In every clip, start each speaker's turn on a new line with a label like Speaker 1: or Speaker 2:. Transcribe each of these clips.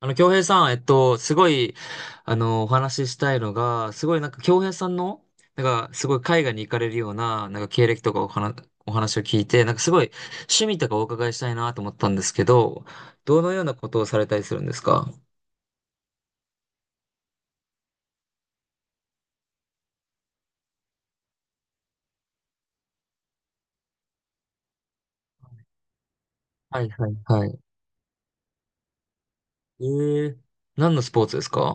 Speaker 1: 京平さん、すごい、お話ししたいのが、すごいなんか、京平さんの、なんか、すごい海外に行かれるような、なんか、経歴とかお話を聞いて、なんか、すごい、趣味とかお伺いしたいなと思ったんですけど、どのようなことをされたりするんですか？はいはいはい。えー、何のスポーツですか？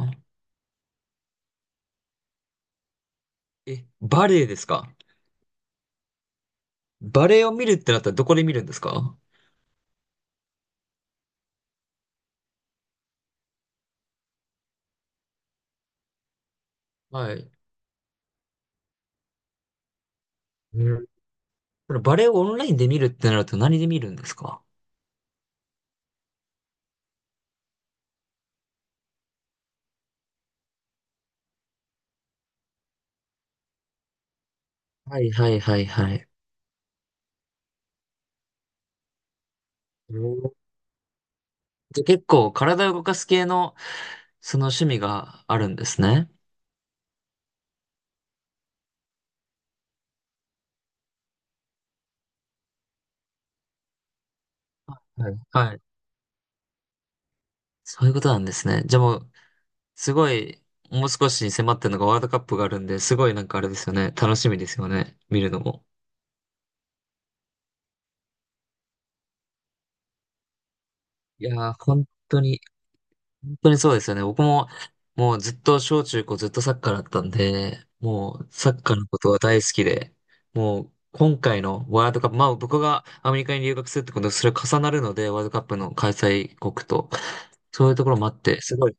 Speaker 1: え、バレエですか？バレエを見るってなったらどこで見るんですか？はい。うん。このバレエをオンラインで見るってなると何で見るんですか？はいはいはいはい。じゃあ結構体を動かす系の、その趣味があるんですね。はい。はい。そういうことなんですね。じゃあもう、すごい、もう少しに迫ってるのがワールドカップがあるんで、すごいなんかあれですよね。楽しみですよね。見るのも。いやー、本当に、本当にそうですよね。僕も、もうずっと小中高ずっとサッカーだったんで、もうサッカーのことは大好きで、もう今回のワールドカップ、まあ僕がアメリカに留学するってことで、それ重なるので、ワールドカップの開催国と。そういうところもあって、すごい。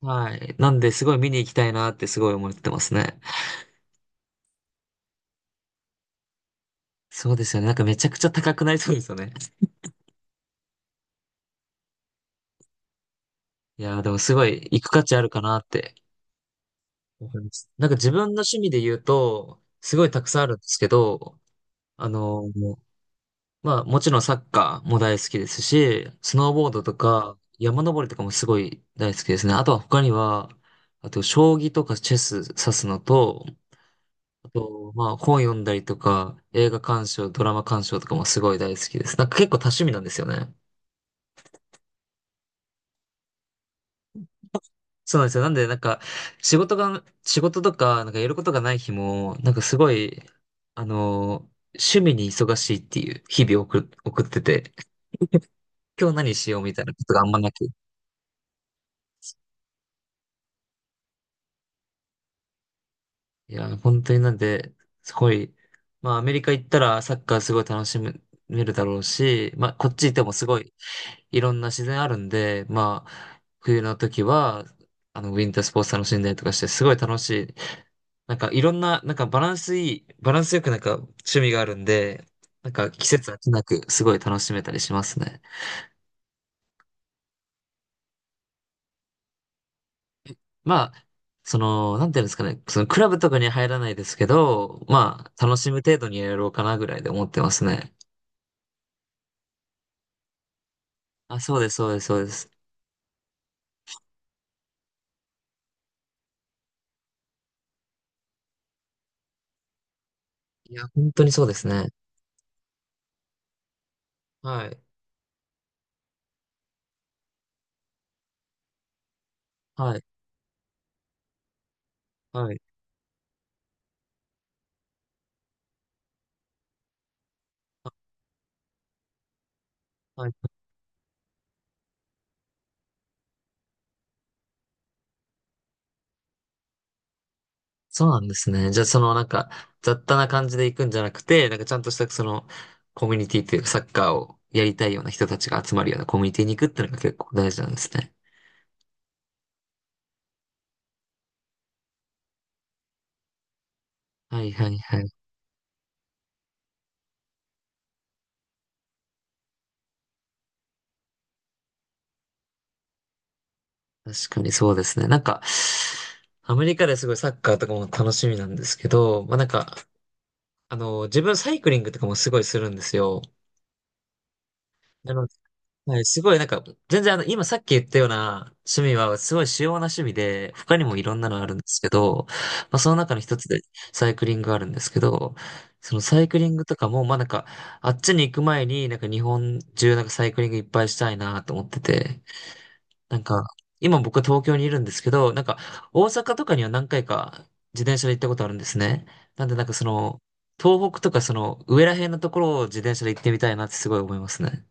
Speaker 1: はい。なんで、すごい見に行きたいなってすごい思ってますね。そうですよね。なんかめちゃくちゃ高くなりそうですよね。いやー、でもすごい行く価値あるかなって思います。なんか自分の趣味で言うと、すごいたくさんあるんですけど、あのーまあもちろんサッカーも大好きですし、スノーボードとか山登りとかもすごい大好きですね。あとは他には、あと将棋とかチェス指すのと、あと、まあ、本読んだりとか、映画鑑賞、ドラマ鑑賞とかもすごい大好きです。なんか結構多趣味なんですよね。そうなんですよ。なんで、なんか、仕事とか、なんかやることがない日も、なんかすごい、趣味に忙しいっていう日々を送ってて、今日何しようみたいなことがあんまなく。いや、本当になんで、すごい、まあ、アメリカ行ったらサッカーすごい楽しめるだろうし、まあ、こっち行ってもすごい、いろんな自然あるんで、まあ、冬の時は、ウィンタースポーツ楽しんだりとかして、すごい楽しい。なんか、いろんな、なんかバランスよくなんか趣味があるんで、なんか季節飽きなく、すごい楽しめたりしますね。まあ、その、なんていうんですかね、そのクラブとかには入らないですけど、まあ、楽しむ程度にやろうかなぐらいで思ってますね。あ、そうです、そうです、そうです。いや、本当にそうですね。はい、はい、はい。あ、はい、そうなんですね。じゃあ、そのなんか、雑多な感じで行くんじゃなくて、なんかちゃんとしたその、コミュニティっていうか、サッカーをやりたいような人たちが集まるようなコミュニティに行くっていうのが結構大事なんですね。はいはいはい。確かにそうですね。なんか、アメリカですごいサッカーとかも楽しみなんですけど、まあなんか、自分サイクリングとかもすごいするんですよ。なので、はい、すごいなんか、全然今さっき言ったような趣味はすごい主要な趣味で、他にもいろんなのあるんですけど、まあその中の一つでサイクリングがあるんですけど、そのサイクリングとかも、まあなんか、あっちに行く前になんか日本中なんかサイクリングいっぱいしたいなと思ってて、なんか、今僕は東京にいるんですけど、なんか大阪とかには何回か自転車で行ったことあるんですね。なんでなんかその、東北とかその上ら辺のところを自転車で行ってみたいなってすごい思いますね。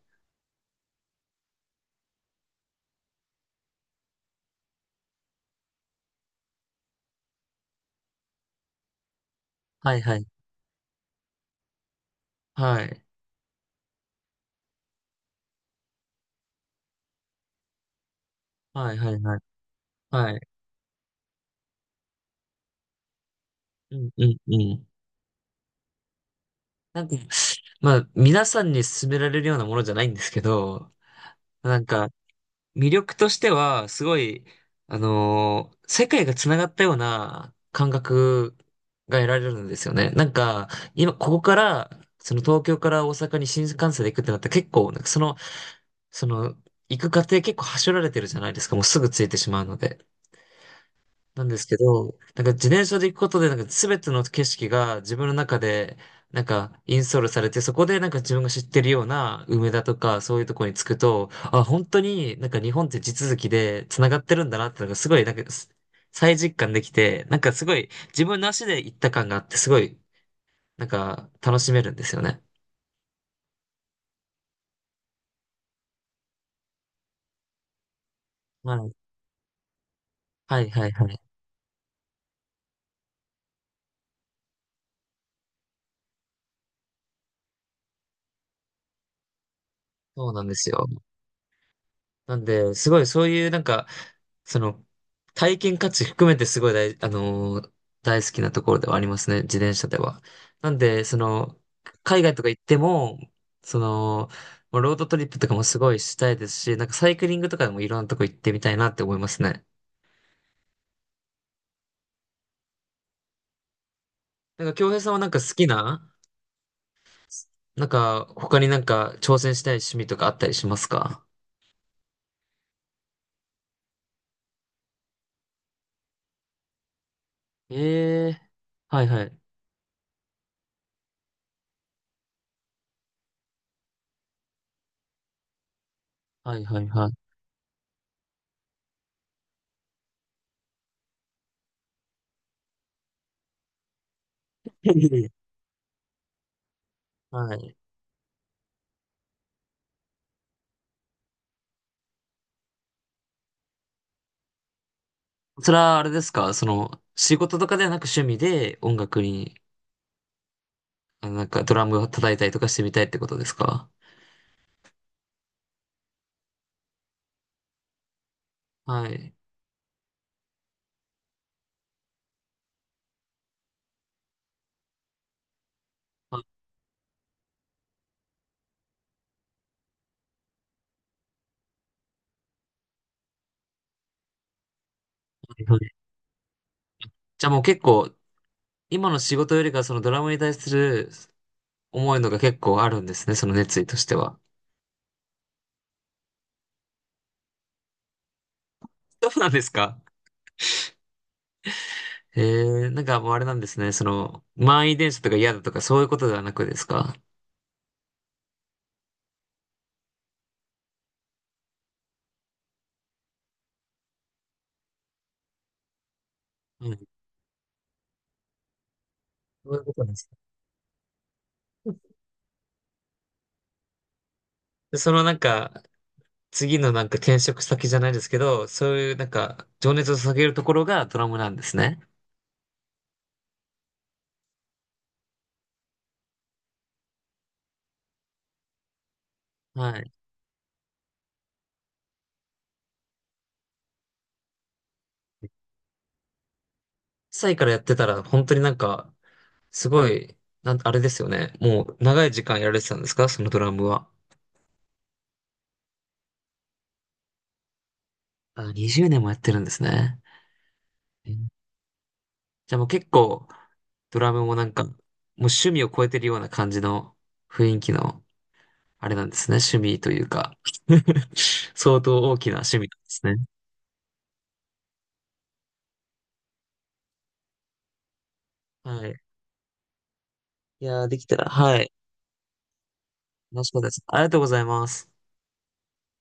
Speaker 1: はいはい。はい。はい、はい、はい。はい。うん、うん、うん。なんか、まあ、皆さんに勧められるようなものじゃないんですけど、なんか、魅力としては、すごい、世界が繋がったような感覚が得られるんですよね。なんか、今、ここから、その東京から大阪に新幹線で行くってなったら結構、なんかその、行く過程結構はしょられてるじゃないですか。もうすぐ着いてしまうので。なんですけど、なんか自転車で行くことで、なんか全ての景色が自分の中で、なんかインストールされて、そこでなんか自分が知ってるような梅田とかそういうとこに着くと、あ、本当になんか日本って地続きで繋がってるんだなってのがすごいなんか再実感できて、なんかすごい自分の足で行った感があって、すごいなんか楽しめるんですよね。はい。はいはいはい。そうなんですよ。なんで、すごいそういうなんか、その、体験価値含めてすごい大、あのー大好きなところではありますね、自転車では。なんで、その、海外とか行っても、その、もうロードトリップとかもすごいしたいですし、なんかサイクリングとかでもいろんなとこ行ってみたいなって思いますね。なんか、京平さんはなんか好きな、なんか、他になんか挑戦したい趣味とかあったりしますか？ええー、はいはい。はいはいはい。はい。それはあれですかその、仕事とかではなく趣味で音楽に、あなんかドラムを叩いたりとかしてみたいってことですか？はい。はいはい。じゃあもう結構、今の仕事よりかはそのドラムに対する思いのが結構あるんですね、その熱意としては。そうなんですか？えー、なんかもうあれなんですね、その、満員電車とか嫌だとかそういうことではなくですか？うん、そういうことなんです。で、そのなんか、次のなんか転職先じゃないですけど、そういうなんか、情熱を下げるところがドラムなんですね。はい。1歳からやってたら、本当になんか、すごい、あれですよね。もう、長い時間やられてたんですかそのドラムは。あ、20年もやってるんですね。えーじゃあもう結構、ドラムもなんか、もう趣味を超えてるような感じの雰囲気の、あれなんですね。趣味というか 相当大きな趣味なんですね。はい。いやー、できたら、はい。楽しかったです。ありがとうございます。